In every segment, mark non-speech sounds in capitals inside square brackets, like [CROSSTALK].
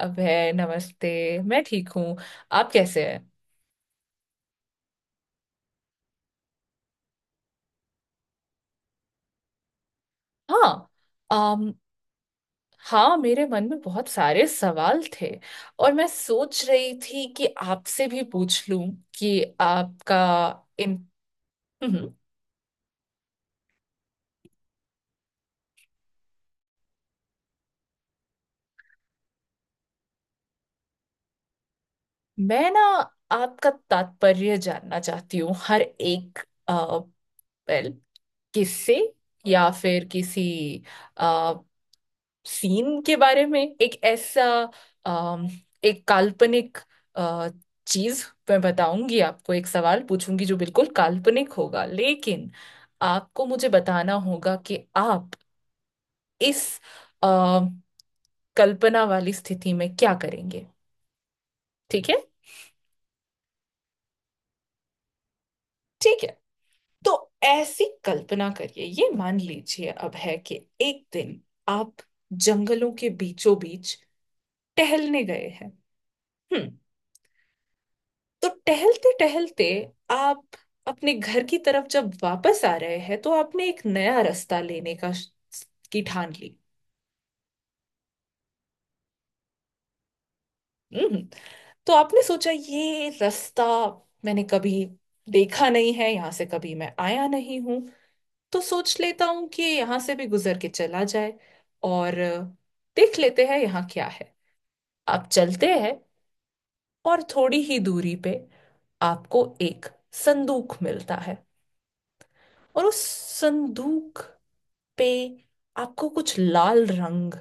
अभय नमस्ते। मैं ठीक हूँ। आप कैसे हैं? हाँ। अम हाँ, मेरे मन में बहुत सारे सवाल थे और मैं सोच रही थी कि आपसे भी पूछ लूं कि आपका इन हम्म, मैं ना आपका तात्पर्य जानना चाहती हूँ हर एक वेल किससे या फिर किसी सीन के बारे में एक ऐसा अम, एक काल्पनिक अ, चीज। मैं बताऊंगी आपको, एक सवाल पूछूंगी जो बिल्कुल काल्पनिक होगा, लेकिन आपको मुझे बताना होगा कि आप इस अ, कल्पना वाली स्थिति में क्या करेंगे। ठीक है? ठीक है, तो ऐसी कल्पना करिए, ये मान लीजिए अब है कि एक दिन आप जंगलों के बीचों बीच टहलने गए हैं। हम्म। तो टहलते टहलते आप अपने घर की तरफ जब वापस आ रहे हैं तो आपने एक नया रास्ता लेने का की ठान ली। हम्म। तो आपने सोचा, ये रास्ता मैंने कभी देखा नहीं है, यहाँ से कभी मैं आया नहीं हूं, तो सोच लेता हूँ कि यहाँ से भी गुजर के चला जाए और देख लेते हैं यहाँ क्या है। आप चलते हैं और थोड़ी ही दूरी पे आपको एक संदूक मिलता है। और उस संदूक पे आपको कुछ लाल रंग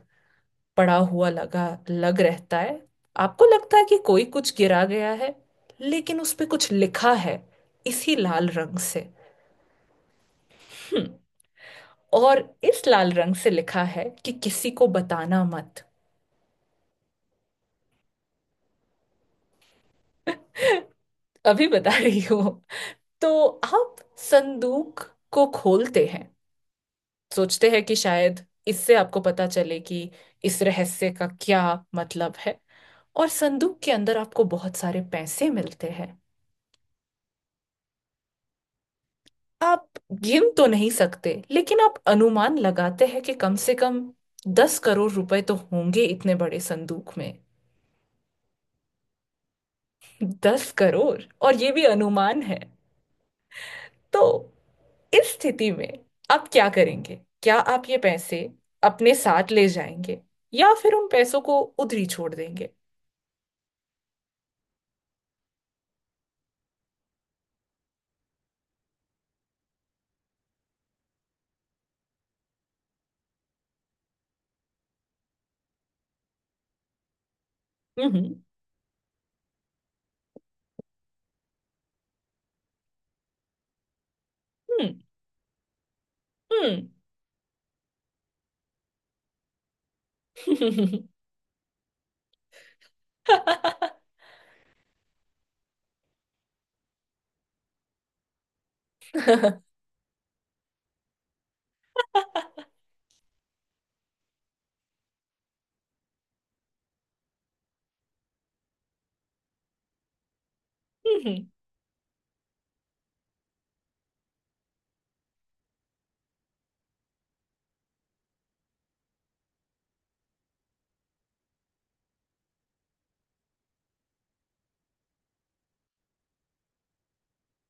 पड़ा हुआ लगा लग रहता है। आपको लगता है कि कोई कुछ गिरा गया है, लेकिन उस पे कुछ लिखा है इसी लाल रंग से। हम्म। और इस लाल रंग से लिखा है कि किसी को बताना मत। अभी बता रही हो। तो आप संदूक को खोलते हैं, सोचते हैं कि शायद इससे आपको पता चले कि इस रहस्य का क्या मतलब है। और संदूक के अंदर आपको बहुत सारे पैसे मिलते हैं। आप गिन तो नहीं सकते लेकिन आप अनुमान लगाते हैं कि कम से कम 10 करोड़ रुपए तो होंगे इतने बड़े संदूक में। दस करोड़, और ये भी अनुमान है। तो इस स्थिति में आप क्या करेंगे? क्या आप ये पैसे अपने साथ ले जाएंगे या फिर उन पैसों को उधरी छोड़ देंगे? हम्म हम्म हम्म [LAUGHS] हम्म,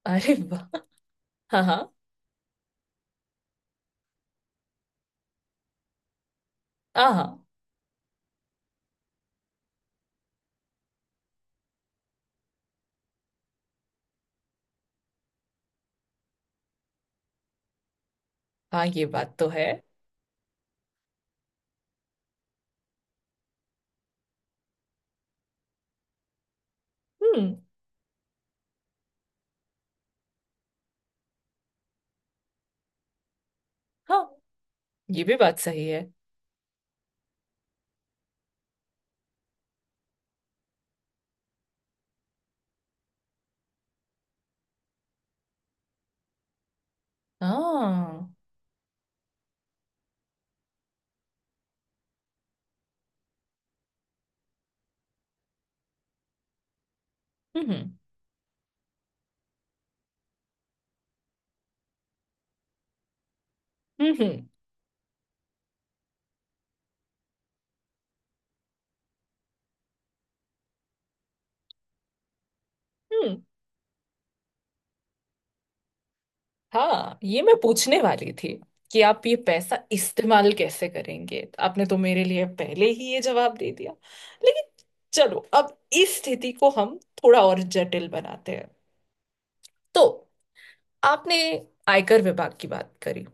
अरे वाह, हाँ हाँ। हाँ हाँ। हाँ, ये बात तो है। हम्म। हाँ, ये भी बात सही है। हाँ। हम्म हम्म हम्म हाँ, ये मैं पूछने वाली थी कि आप ये पैसा इस्तेमाल कैसे करेंगे। आपने तो मेरे लिए पहले ही ये जवाब दे दिया। लेकिन चलो, अब इस स्थिति को हम थोड़ा और जटिल बनाते हैं। तो आपने आयकर विभाग की बात करी,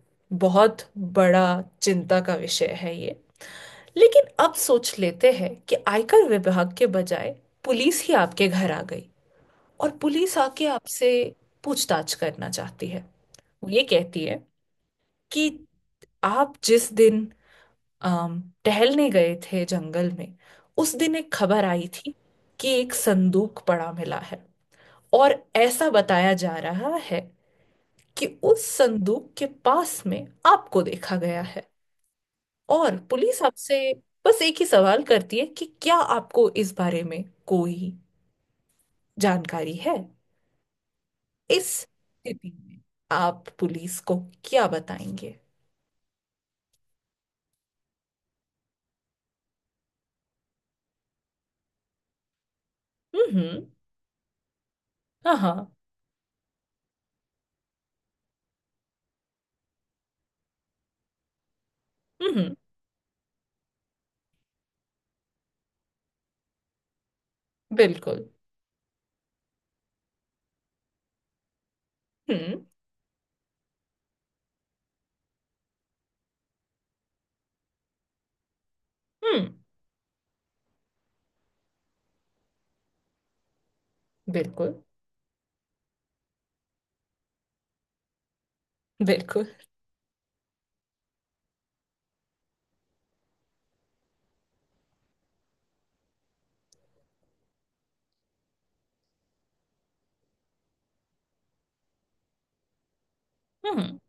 बहुत बड़ा चिंता का विषय है ये। लेकिन अब सोच लेते हैं कि आयकर विभाग के बजाय पुलिस ही आपके घर आ गई। और पुलिस आके आपसे पूछताछ करना चाहती है। वो ये कहती है कि आप जिस दिन टहलने गए थे जंगल में, उस दिन एक खबर आई थी कि एक संदूक पड़ा मिला है और ऐसा बताया जा रहा है कि उस संदूक के पास में आपको देखा गया है। और पुलिस आपसे बस एक ही सवाल करती है कि क्या आपको इस बारे में कोई जानकारी है। इस स्थिति में आप पुलिस को क्या बताएंगे? हम्म। हाँ हाँ। हम्म। बिल्कुल। हम्म हम्म। बिल्कुल बिल्कुल। हम्म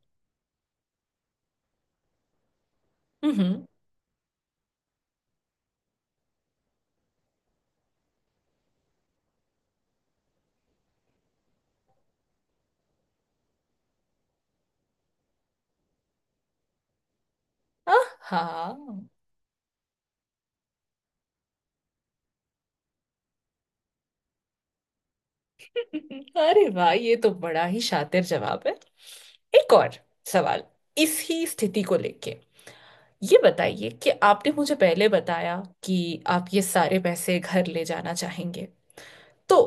हम्म। आह, हाँ। [LAUGHS] अरे वाह, ये तो बड़ा ही शातिर जवाब है। एक और सवाल इसी स्थिति को लेके। ये बताइए कि आपने मुझे पहले बताया कि आप ये सारे पैसे घर ले जाना चाहेंगे। तो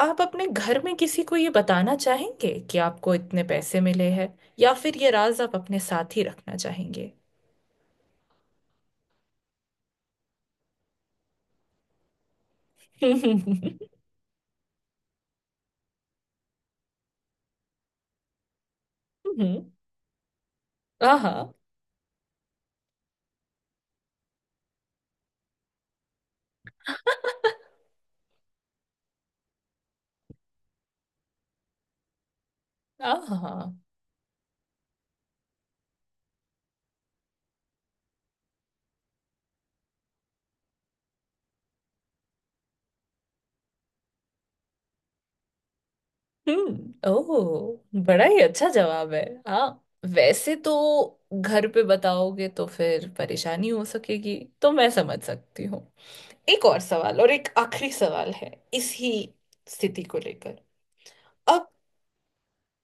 आप अपने घर में किसी को ये बताना चाहेंगे कि आपको इतने पैसे मिले हैं, या फिर ये राज आप अपने साथ ही रखना चाहेंगे? [LAUGHS] हम्म। आहा। आहा। हम्म। ओह, बड़ा ही अच्छा जवाब है। हाँ, वैसे तो घर पे बताओगे तो फिर परेशानी हो सकेगी, तो मैं समझ सकती हूँ। एक और सवाल, और एक आखिरी सवाल है इसी स्थिति को लेकर। अब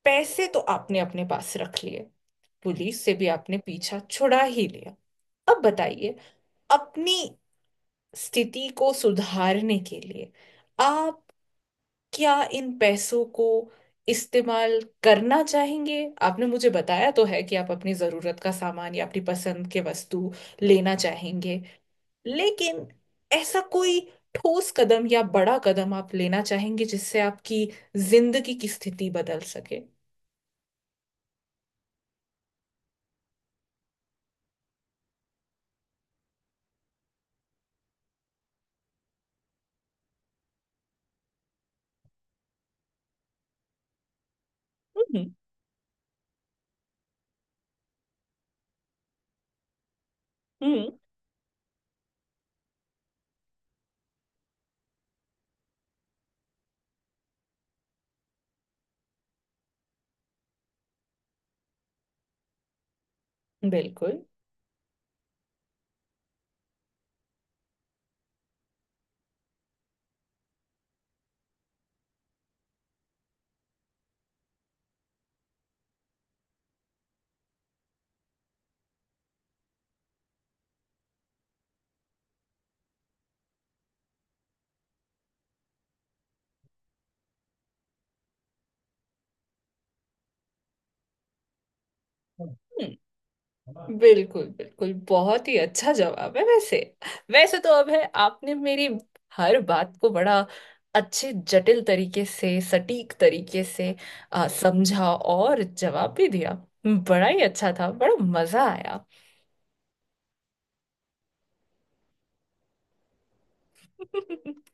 पैसे तो आपने अपने पास रख लिए, पुलिस से भी आपने पीछा छुड़ा ही लिया। अब बताइए, अपनी स्थिति को सुधारने के लिए आप क्या इन पैसों को इस्तेमाल करना चाहेंगे? आपने मुझे बताया तो है कि आप अपनी जरूरत का सामान या अपनी पसंद के वस्तु लेना चाहेंगे, लेकिन ऐसा कोई ठोस कदम या बड़ा कदम आप लेना चाहेंगे जिससे आपकी जिंदगी की स्थिति बदल सके? हम्म हम्म। बिल्कुल बिल्कुल बिल्कुल बहुत ही अच्छा जवाब है। वैसे, वैसे तो अब है, आपने मेरी हर बात को बड़ा अच्छे जटिल तरीके से, सटीक तरीके से समझा और जवाब भी दिया। बड़ा ही अच्छा था, बड़ा मजा आया। [LAUGHS]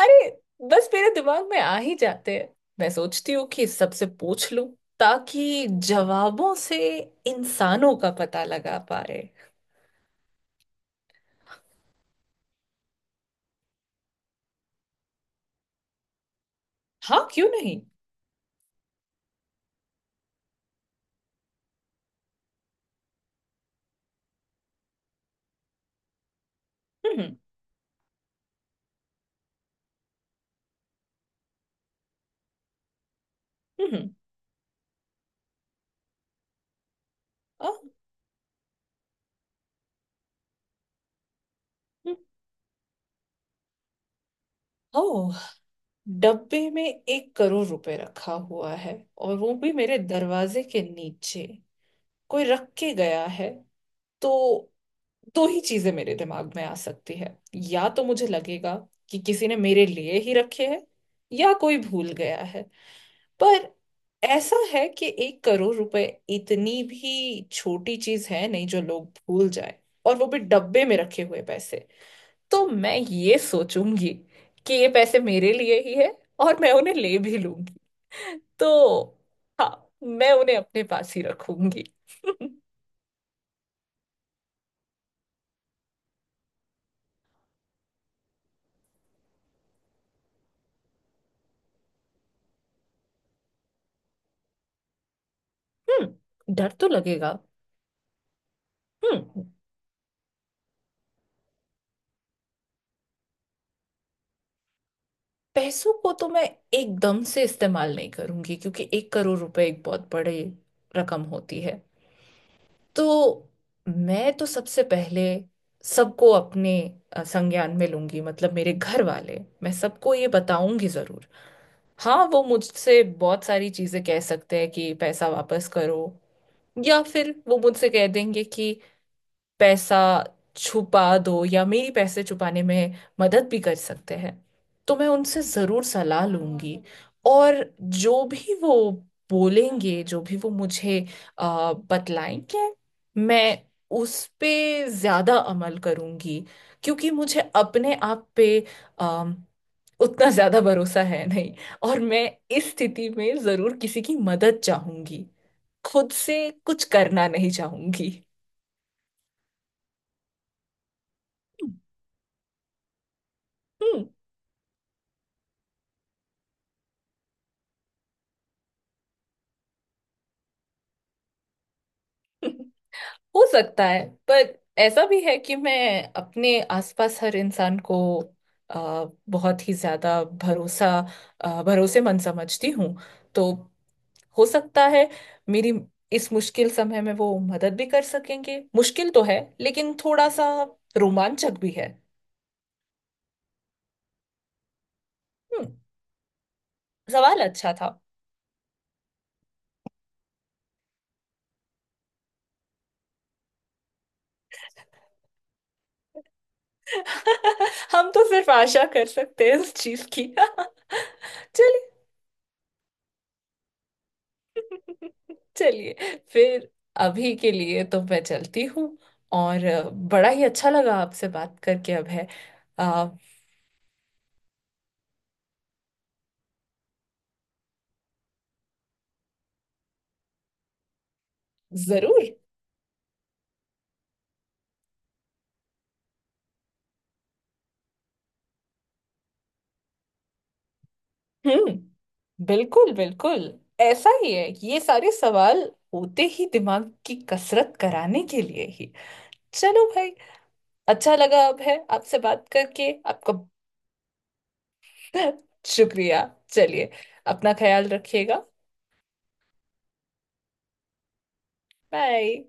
अरे, बस मेरे दिमाग में आ ही जाते हैं। मैं सोचती हूँ कि सबसे पूछ लूं ताकि जवाबों से इंसानों का पता लगा पा रहे। हाँ, क्यों नहीं। हम्म हम्म हम्म, आ, हम्म, ओह, डब्बे में 1 करोड़ रुपए रखा हुआ है, और वो भी मेरे दरवाजे के नीचे, कोई रख के गया है। तो दो ही चीजें मेरे दिमाग में आ सकती है, या तो मुझे लगेगा कि किसी ने मेरे लिए ही रखे हैं, या कोई भूल गया है। पर ऐसा है कि 1 करोड़ रुपए इतनी भी छोटी चीज है नहीं जो लोग भूल जाए, और वो भी डब्बे में रखे हुए पैसे। तो मैं ये सोचूंगी कि ये पैसे मेरे लिए ही है, और मैं उन्हें ले भी लूंगी। तो हाँ, मैं उन्हें अपने पास ही रखूंगी। [LAUGHS] हम्म, डर तो लगेगा। हम्म। पैसों को तो मैं एकदम से इस्तेमाल नहीं करूंगी, क्योंकि 1 करोड़ रुपए एक बहुत बड़ी रकम होती है। तो मैं तो सबसे पहले सबको अपने संज्ञान में लूंगी, मतलब मेरे घर वाले, मैं सबको ये बताऊंगी जरूर। हाँ, वो मुझसे बहुत सारी चीजें कह सकते हैं कि पैसा वापस करो, या फिर वो मुझसे कह देंगे कि पैसा छुपा दो, या मेरी पैसे छुपाने में मदद भी कर सकते हैं। तो मैं उनसे ज़रूर सलाह लूंगी। और जो भी वो बोलेंगे, जो भी वो मुझे बतलाएंगे, मैं उस पे ज़्यादा अमल करूंगी, क्योंकि मुझे अपने आप पे अम, उतना ज़्यादा भरोसा है नहीं। और मैं इस स्थिति में ज़रूर किसी की मदद चाहूंगी, खुद से कुछ करना नहीं चाहूंगी। हम्म, हो सकता है। पर ऐसा भी है कि मैं अपने आसपास हर इंसान को अ, बहुत ही ज्यादा भरोसा अ, भरोसेमंद समझती हूँ। तो हो सकता है मेरी इस मुश्किल समय में वो मदद भी कर सकेंगे। मुश्किल तो है लेकिन थोड़ा सा रोमांचक भी है। हम्म, सवाल अच्छा था। [LAUGHS] हम तो सिर्फ आशा कर सकते हैं इस चीज की। [LAUGHS] चलिए, चलिए फिर, अभी के लिए तो मैं चलती हूँ। और बड़ा ही अच्छा लगा आपसे बात करके अब है। आ, जरूर। हम्म, बिल्कुल बिल्कुल, ऐसा ही है, ये सारे सवाल होते ही दिमाग की कसरत कराने के लिए ही। चलो भाई, अच्छा लगा अब है आपसे बात करके आपका। [LAUGHS] शुक्रिया। चलिए, अपना ख्याल रखिएगा। बाय।